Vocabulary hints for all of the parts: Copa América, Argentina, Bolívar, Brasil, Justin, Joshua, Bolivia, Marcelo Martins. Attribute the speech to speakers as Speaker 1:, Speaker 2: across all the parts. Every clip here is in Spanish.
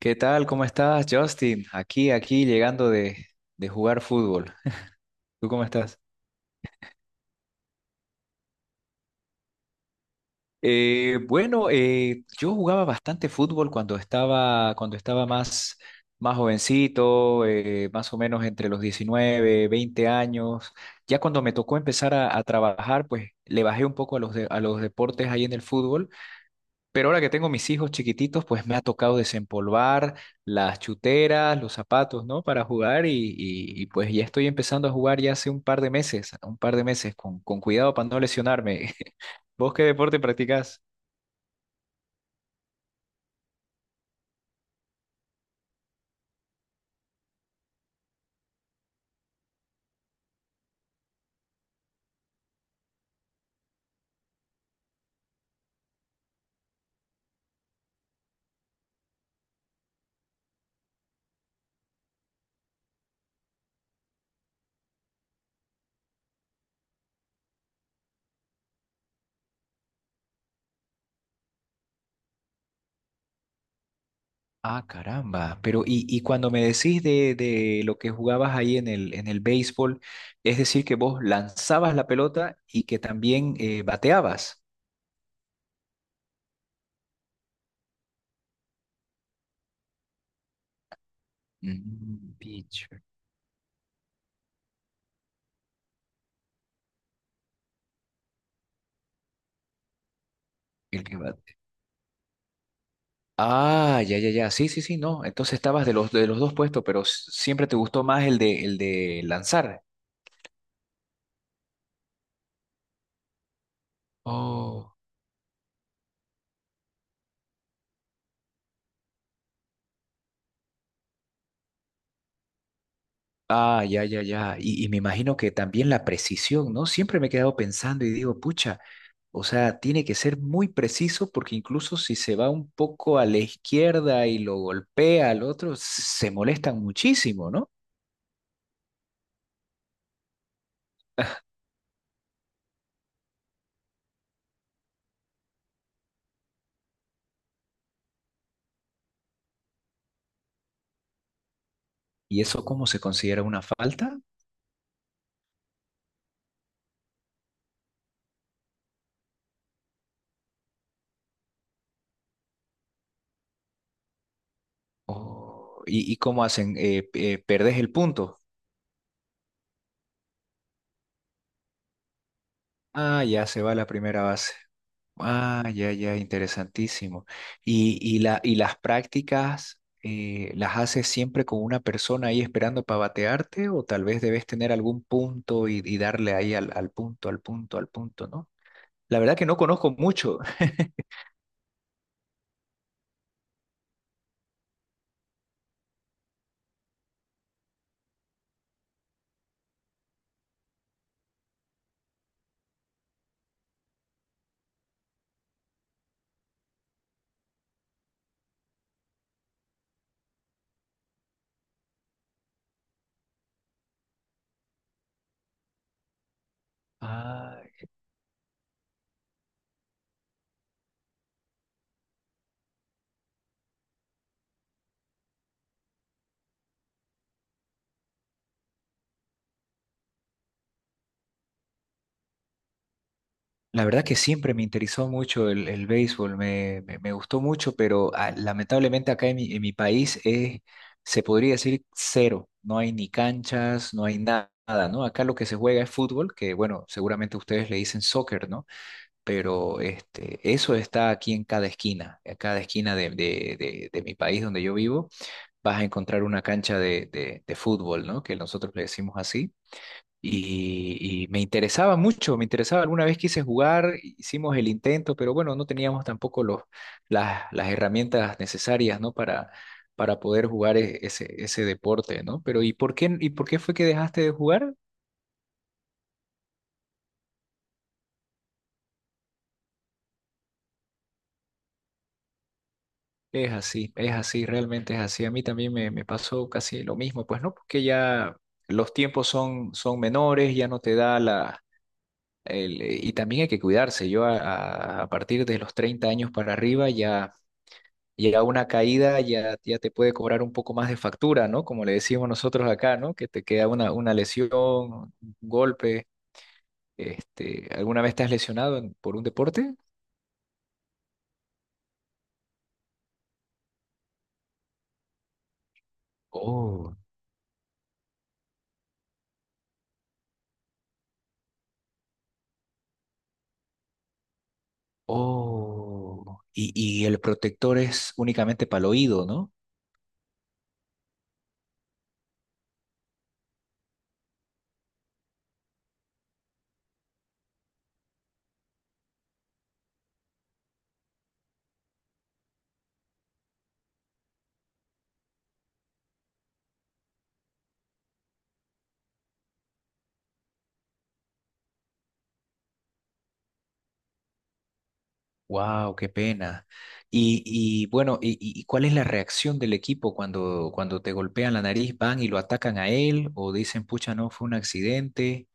Speaker 1: ¿Qué tal? ¿Cómo estás, Justin? Llegando de jugar fútbol. ¿Tú cómo estás? Bueno, yo jugaba bastante fútbol cuando estaba más jovencito, más o menos entre los 19, 20 años. Ya cuando me tocó empezar a trabajar, pues le bajé un poco a a los deportes ahí en el fútbol. Pero ahora que tengo mis hijos chiquititos, pues me ha tocado desempolvar las chuteras, los zapatos, ¿no? Para jugar y, pues ya estoy empezando a jugar ya hace un par de meses, con cuidado para no lesionarme. ¿Vos qué deporte practicás? Ah, caramba. Pero y cuando me decís de lo que jugabas ahí en en el béisbol, es decir, que vos lanzabas la pelota y que también bateabas. Mm, pitcher, el que batea. Ah, ya, ya, ya. Sí, sí, sí, no. Entonces estabas de de los dos puestos, pero siempre te gustó más el de lanzar. Oh. Ah, ya, ya, ya. Y me imagino que también la precisión, ¿no? Siempre me he quedado pensando y digo, pucha, o sea, tiene que ser muy preciso porque incluso si se va un poco a la izquierda y lo golpea al otro, se molestan muchísimo, ¿no? ¿Y eso cómo se considera una falta? Oh, ¿ y cómo hacen? ¿Perdés el punto? Ah, ya se va la primera base. Ah, ya, ya, interesantísimo. Y las prácticas las haces siempre con una persona ahí esperando para batearte o tal vez debes tener algún punto y darle ahí al al punto, ¿no? La verdad que no conozco mucho. Ah, la verdad que siempre me interesó mucho el béisbol, me gustó mucho, pero lamentablemente acá en en mi país es, se podría decir cero, no hay ni canchas, no hay nada, ¿no? Acá lo que se juega es fútbol, que bueno, seguramente ustedes le dicen soccer, ¿no? Pero este, eso está aquí en cada esquina, de mi país donde yo vivo, vas a encontrar una cancha de fútbol, ¿no? Que nosotros le decimos así. Y me interesaba mucho, me interesaba. Alguna vez quise jugar, hicimos el intento, pero bueno, no teníamos tampoco las herramientas necesarias, ¿no? Para poder jugar ese deporte, ¿no? Pero y por qué fue que dejaste de jugar? Es así, realmente es así. A mí también me pasó casi lo mismo, pues, ¿no? Porque ya los tiempos son, son menores, ya no te da la... y también hay que cuidarse. Yo a partir de los 30 años para arriba ya llega una caída, ya te puede cobrar un poco más de factura, ¿no? Como le decimos nosotros acá, ¿no? Que te queda una lesión, un golpe. Este, ¿alguna vez te has lesionado por un deporte? Oh, oh. Y el protector es únicamente para el oído, ¿no? Wow, qué pena. Y cuál es la reacción del equipo cuando te golpean la nariz? ¿Van y lo atacan a él? ¿O dicen, pucha, no, fue un accidente?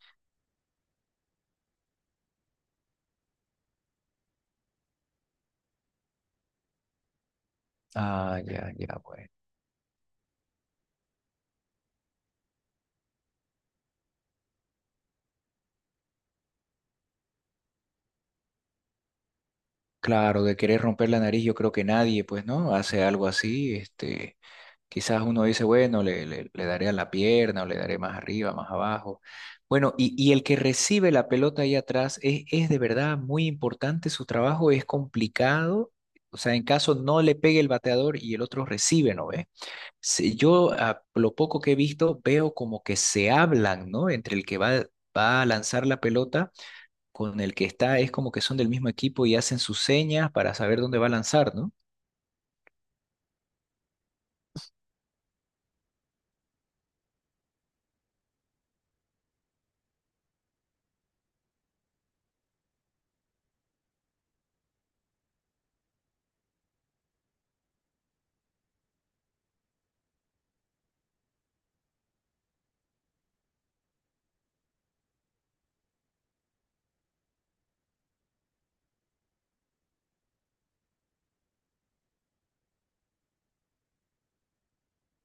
Speaker 1: Ah, ya, ya, bueno. Claro, de querer romper la nariz, yo creo que nadie, pues, ¿no? Hace algo así, este, quizás uno dice, bueno, le daré a la pierna o le daré más arriba, más abajo. Bueno, y el que recibe la pelota ahí atrás es de verdad muy importante, su trabajo es complicado, o sea, en caso no le pegue el bateador y el otro recibe, ¿no ve? Si yo, a lo poco que he visto, veo como que se hablan, ¿no? Entre el que va a lanzar la pelota con el que está, es como que son del mismo equipo y hacen sus señas para saber dónde va a lanzar, ¿no?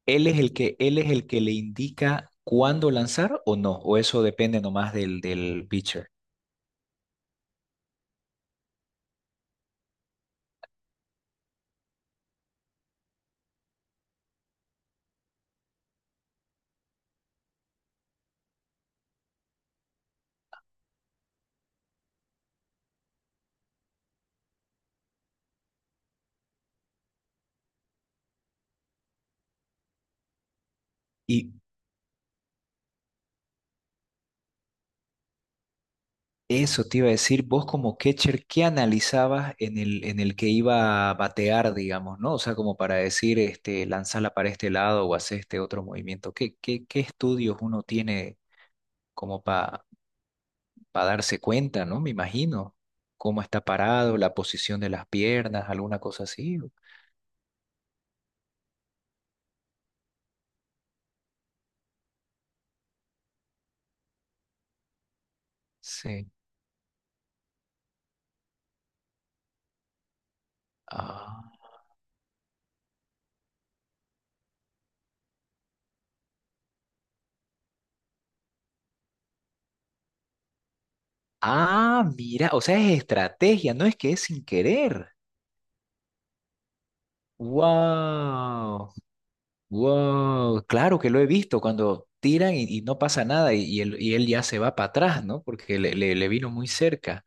Speaker 1: Él es el que le indica cuándo lanzar o no, o eso depende nomás del pitcher. Y eso te iba a decir, vos como catcher, ¿qué analizabas en en el que iba a batear, digamos, ¿no? O sea, como para decir, este, lanzala para este lado o hace este otro movimiento. ¿Qué estudios uno tiene como para darse cuenta, ¿no? Me imagino cómo está parado, la posición de las piernas, alguna cosa así. Sí. Ah, ah, mira, o sea, es estrategia, no es que es sin querer. Wow, wow, claro que lo he visto cuando tiran y no pasa nada y él ya se va para atrás, ¿no? Porque le vino muy cerca.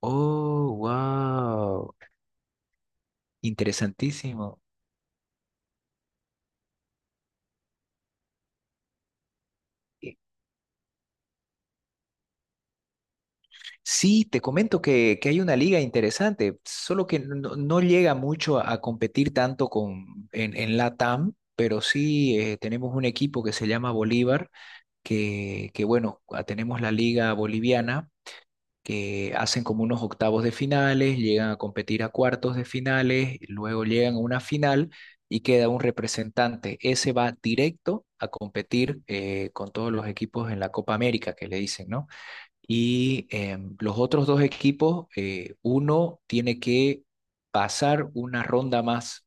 Speaker 1: Oh, wow, interesantísimo. Sí, te comento que hay una liga interesante, solo que no llega mucho a competir tanto en LATAM, pero sí tenemos un equipo que se llama Bolívar, que bueno, tenemos la liga boliviana, que hacen como unos octavos de finales, llegan a competir a cuartos de finales, luego llegan a una final y queda un representante. Ese va directo a competir con todos los equipos en la Copa América, que le dicen, ¿no? Y em, los otros dos equipos, uno tiene que pasar una ronda más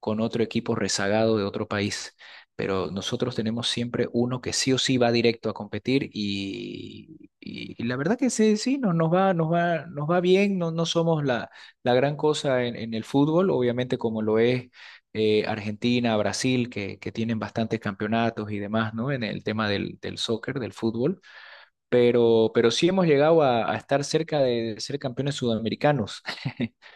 Speaker 1: con otro equipo rezagado de otro país, pero nosotros tenemos siempre uno que sí o sí va directo a competir y la verdad que sí, sí, no, nos va, nos va bien, no, no somos la gran cosa en el fútbol, obviamente como lo es Argentina, Brasil, que tienen bastantes campeonatos y demás, ¿no? En el tema del soccer, del fútbol. Pero sí hemos llegado a estar cerca de ser campeones sudamericanos.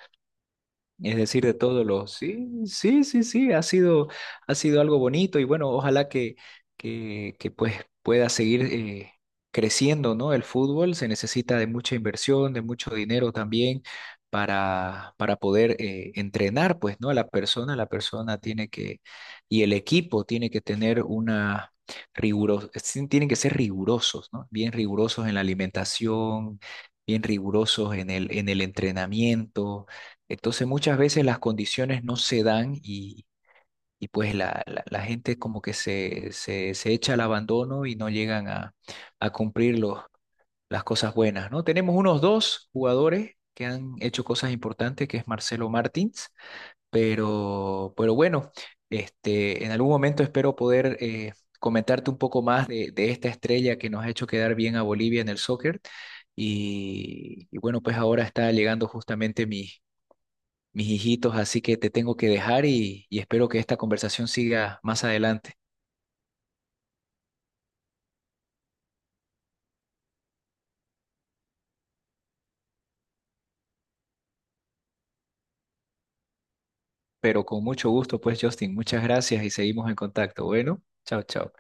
Speaker 1: Es decir, de todos los, sí, sí, sí, sí, ha sido algo bonito y bueno, ojalá que pues pueda seguir creciendo, ¿no? El fútbol se necesita de mucha inversión, de mucho dinero también para poder entrenar, pues, ¿no? A la persona tiene que, y el equipo tiene que tener una rigurosa, tienen que ser rigurosos, ¿no? Bien rigurosos en la alimentación, bien rigurosos en en el entrenamiento. Entonces muchas veces las condiciones no se dan y pues la gente como que se echa al abandono y no llegan a cumplir las cosas buenas, ¿no? Tenemos unos dos jugadores que han hecho cosas importantes, que es Marcelo Martins, pero bueno, este, en algún momento espero poder comentarte un poco más de esta estrella que nos ha hecho quedar bien a Bolivia en el soccer. Y bueno, pues ahora está llegando justamente mi mis hijitos, así que te tengo que dejar y espero que esta conversación siga más adelante. Pero con mucho gusto, pues, Justin, muchas gracias y seguimos en contacto. Bueno, chao, chao.